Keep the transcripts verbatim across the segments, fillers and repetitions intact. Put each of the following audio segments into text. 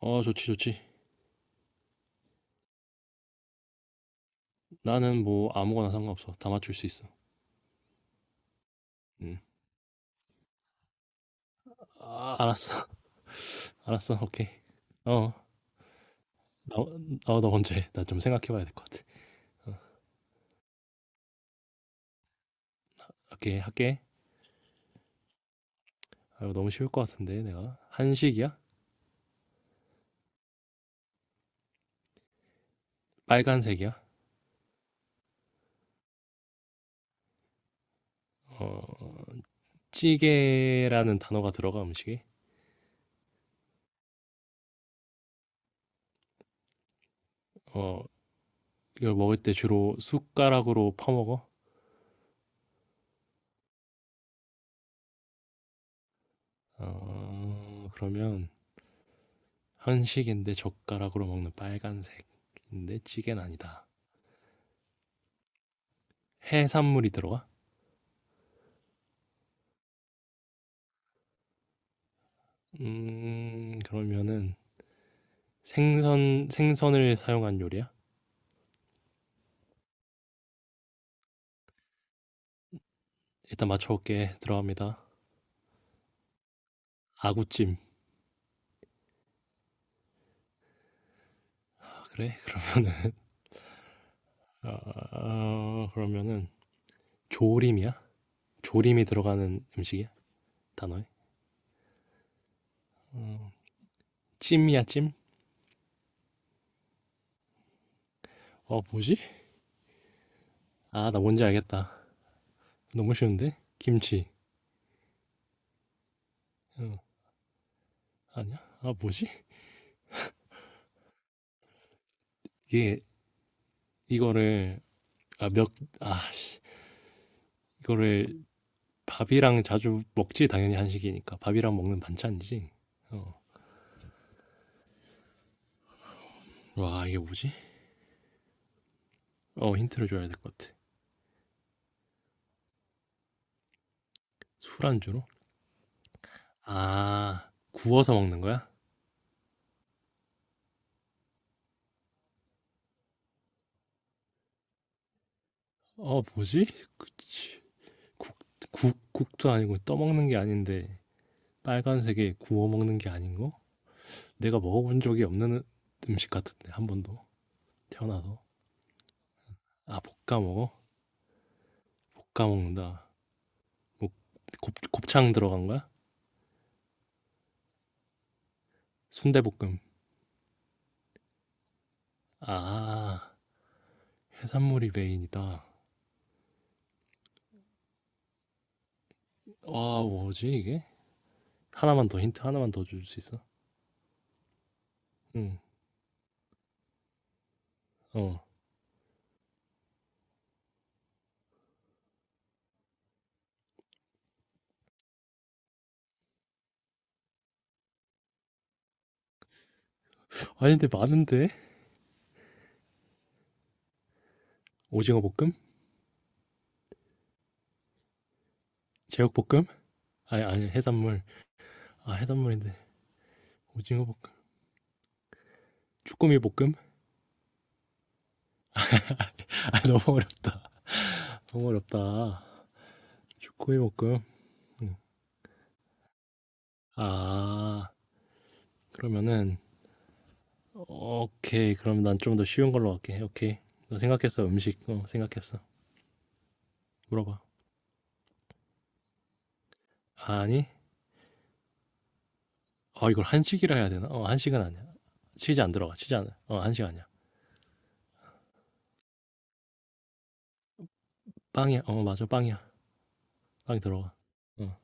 어, 좋지, 좋지. 나는 뭐 아무거나 상관없어. 다 맞출 수 있어. 응. 아, 알았어. 알았어. 오케이. 어, 나, 어, 너 먼저 해. 나 좀 생각해봐야 될 것 같아. 어, 오케이, 할게. 아, 이거 너무 쉬울 것 같은데, 내가. 한식이야? 빨간색이야? 어, 찌개라는 단어가 들어가, 음식에. 어, 이걸 먹을 때 주로 숟가락으로 퍼먹어. 어, 그러면 한식인데 젓가락으로 먹는 빨간색인데 찌개는 아니다. 해산물이 들어가? 음, 그러면은 생선 생선을 사용한 요리야? 일단 맞춰볼게. 들어갑니다. 아구찜. 아, 그래? 그러면은 아, 아, 그러면은 조림이야? 조림이 들어가는 음식이야? 단어에? 음, 찜이야, 찜? 어, 뭐지? 아, 나 뭔지 알겠다. 너무 쉬운데? 김치. 어, 아니야? 아, 뭐지? 이게 이거를 아, 몇, 아, 씨, 이거를 밥이랑 자주 먹지, 당연히 한식이니까. 밥이랑 먹는 반찬이지. 어. 와, 이게 뭐지? 어, 힌트를 줘야 될 것 같아. 술안주로? 아, 구워서 먹는 거야? 어, 뭐지? 그치. 국, 국, 국도 아니고 떠먹는 게 아닌데, 빨간색에 구워 먹는 게 아닌 거? 내가 먹어본 적이 없는 음식 같은데, 한 번도. 태어나서. 아, 볶아 먹어? 볶아 먹는다. 뭐, 곱, 곱창 들어간 거야? 순대볶음. 아, 해산물이 메인이다. 아, 뭐지, 이게? 하나만 더, 힌트 하나만 더 줄 수 있어? 응, 어. 아니, 근데 많은데? 오징어 볶음? 제육볶음? 아니 아니 해산물. 아 해산물인데 오징어 볶음. 주꾸미 볶음? 아 너무 어렵다. 너무 어렵다. 주꾸미 볶음. 응. 아 그러면은 오케이 그럼 난 좀 더 쉬운 걸로 할게. 오케이. 나 생각했어 음식. 어 생각했어. 물어봐. 아니? 어 이걸 한식이라 해야 되나? 어 한식은 아니야. 치즈 안 들어가. 치즈 안. 어 한식 아니야. 빵이야. 어 맞아 빵이야. 빵이 들어가. 어.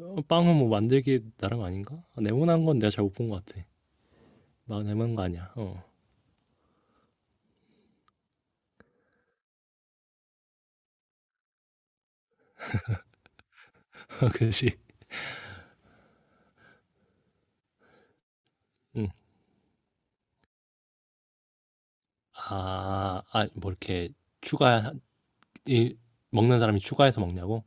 어, 빵은 뭐 만들기 나름 아닌가? 아, 네모난 건 내가 잘못 본 것 같아. 막 네모난 거 아니야. 어. 그치 응. 아, 아, 뭐 이렇게 추가 이 먹는 사람이 추가해서 먹냐고?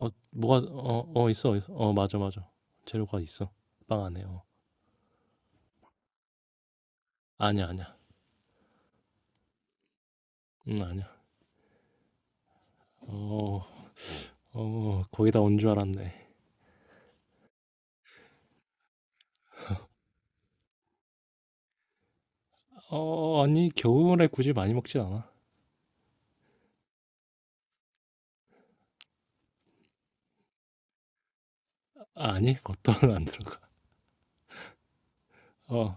어, 뭐가 어, 어 있어, 있어. 어, 맞아, 맞아. 재료가 있어. 빵 안에. 어. 아니야, 아니야. 음, 아니야. 어, 어, 거기다 온 줄 알았네. 어, 아니, 겨울에 굳이 많이 먹진 않아. 아, 아니, 겉도는 안 들어가. 어,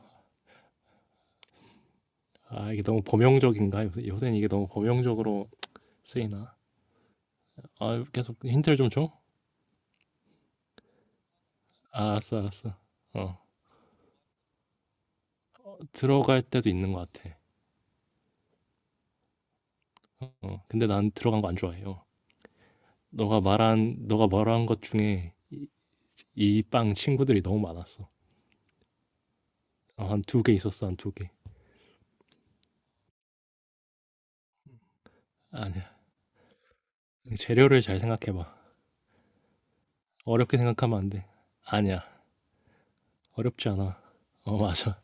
아, 이게 너무 범용적인가? 요새, 요새는 이게 너무 범용적으로 쓰이나? 아, 계속 힌트를 좀 줘? 아, 알았어, 알았어. 어, 들어갈 때도 있는 것 같아. 어, 근데 난 들어간 거 안 좋아해. 요 너가 말한, 너가 말한 것 중에 이 빵 친구들이 너무 많았어. 어, 한 두 개 있었어, 한 두 개. 아니야. 재료를 잘 생각해봐. 어렵게 생각하면 안 돼. 아니야. 어렵지 않아. 어, 맞아.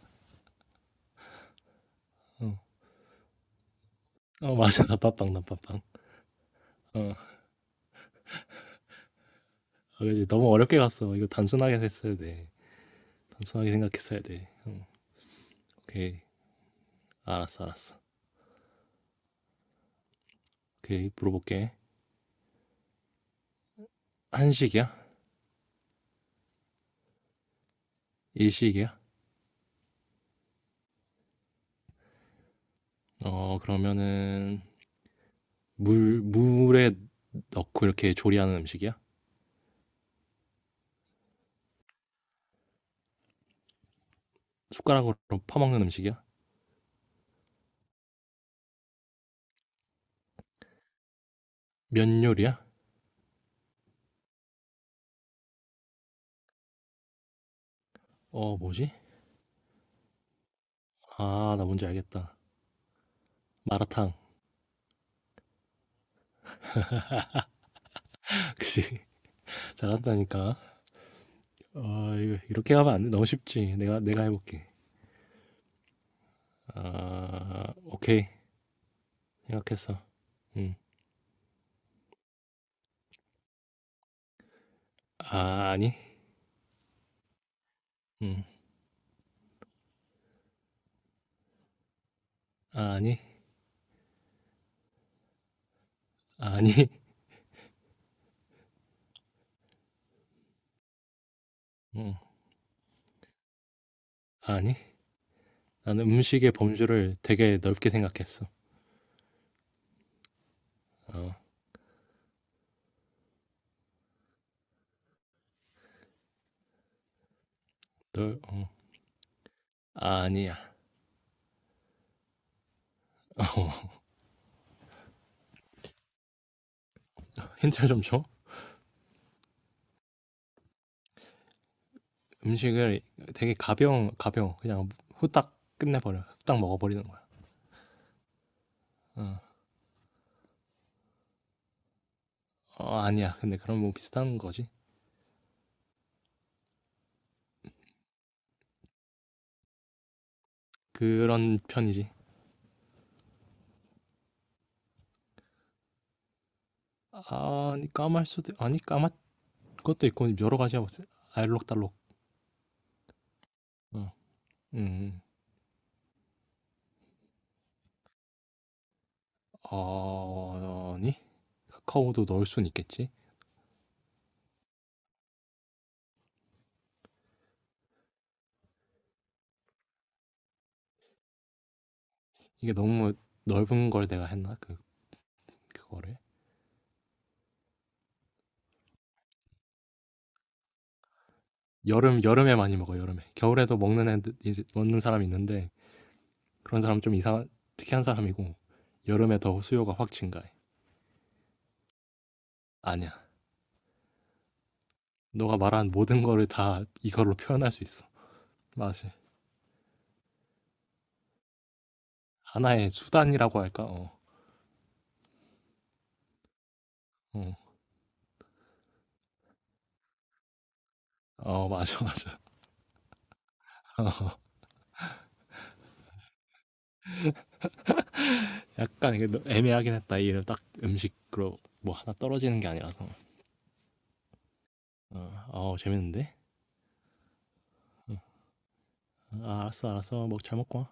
어, 어, 맞아. 나빠빵, 나빠빵. 어, 아, 그지. 너무 어렵게 갔어. 이거 단순하게 했어야 돼. 단순하게 생각했어야 돼. 응, 오케이. 알았어, 알았어. 오케이. 물어볼게. 한식이야? 일식이야? 어, 그러면은, 물, 물에 넣고 이렇게 조리하는 음식이야? 숟가락으로 퍼먹는 음식이야? 면 요리야? 어, 뭐지? 아, 나 뭔지 알겠다. 마라탕. 그지? 잘한다니까. 어, 이거 이렇게 가면 안 돼. 너무 쉽지. 내가 내가 해볼게. 아, 오케이. 생각했어. 응. 아, 아니. 응. 아, 아니. 아, 아니. 응. 아, 아니. 나는 음식의 범주를 되게 넓게 생각했어. 어, 널, 어. 아, 아니야. 어, 힌트를 좀 줘. 음식을 되게 가벼운, 가벼운, 그냥 후딱 끝내버려. 후딱 먹어버리는 어. 어 아니야. 근데 그럼 뭐 비슷한 거지. 그런 편이지. 아, 아니 까말 수도 아니 까맛 것도 있고 여러 가지야 뭐 알록달록. 어. 음. 어, 아니 카카오도 넣을 순 있겠지. 이게 너무 넓은 걸 내가 했나 그 그거를. 여름 여름에 많이 먹어 여름에. 겨울에도 먹는 애들 먹는 사람이 있는데 그런 사람 좀 이상한 특이한 사람이고 여름에 더 수요가 확 증가해. 아니야. 너가 말한 모든 거를 다 이걸로 표현할 수 있어. 맞아 하나의 수단이라고 할까? 어, 어, 어, 맞아, 맞아. 어, 약간 이게 너- 애매하긴 했다. 이 이름 딱 음식으로 뭐 하나 떨어지는 게 아니라서. 어, 어 재밌는데? 어, 알았어, 알았어. 먹 잘 먹고 와.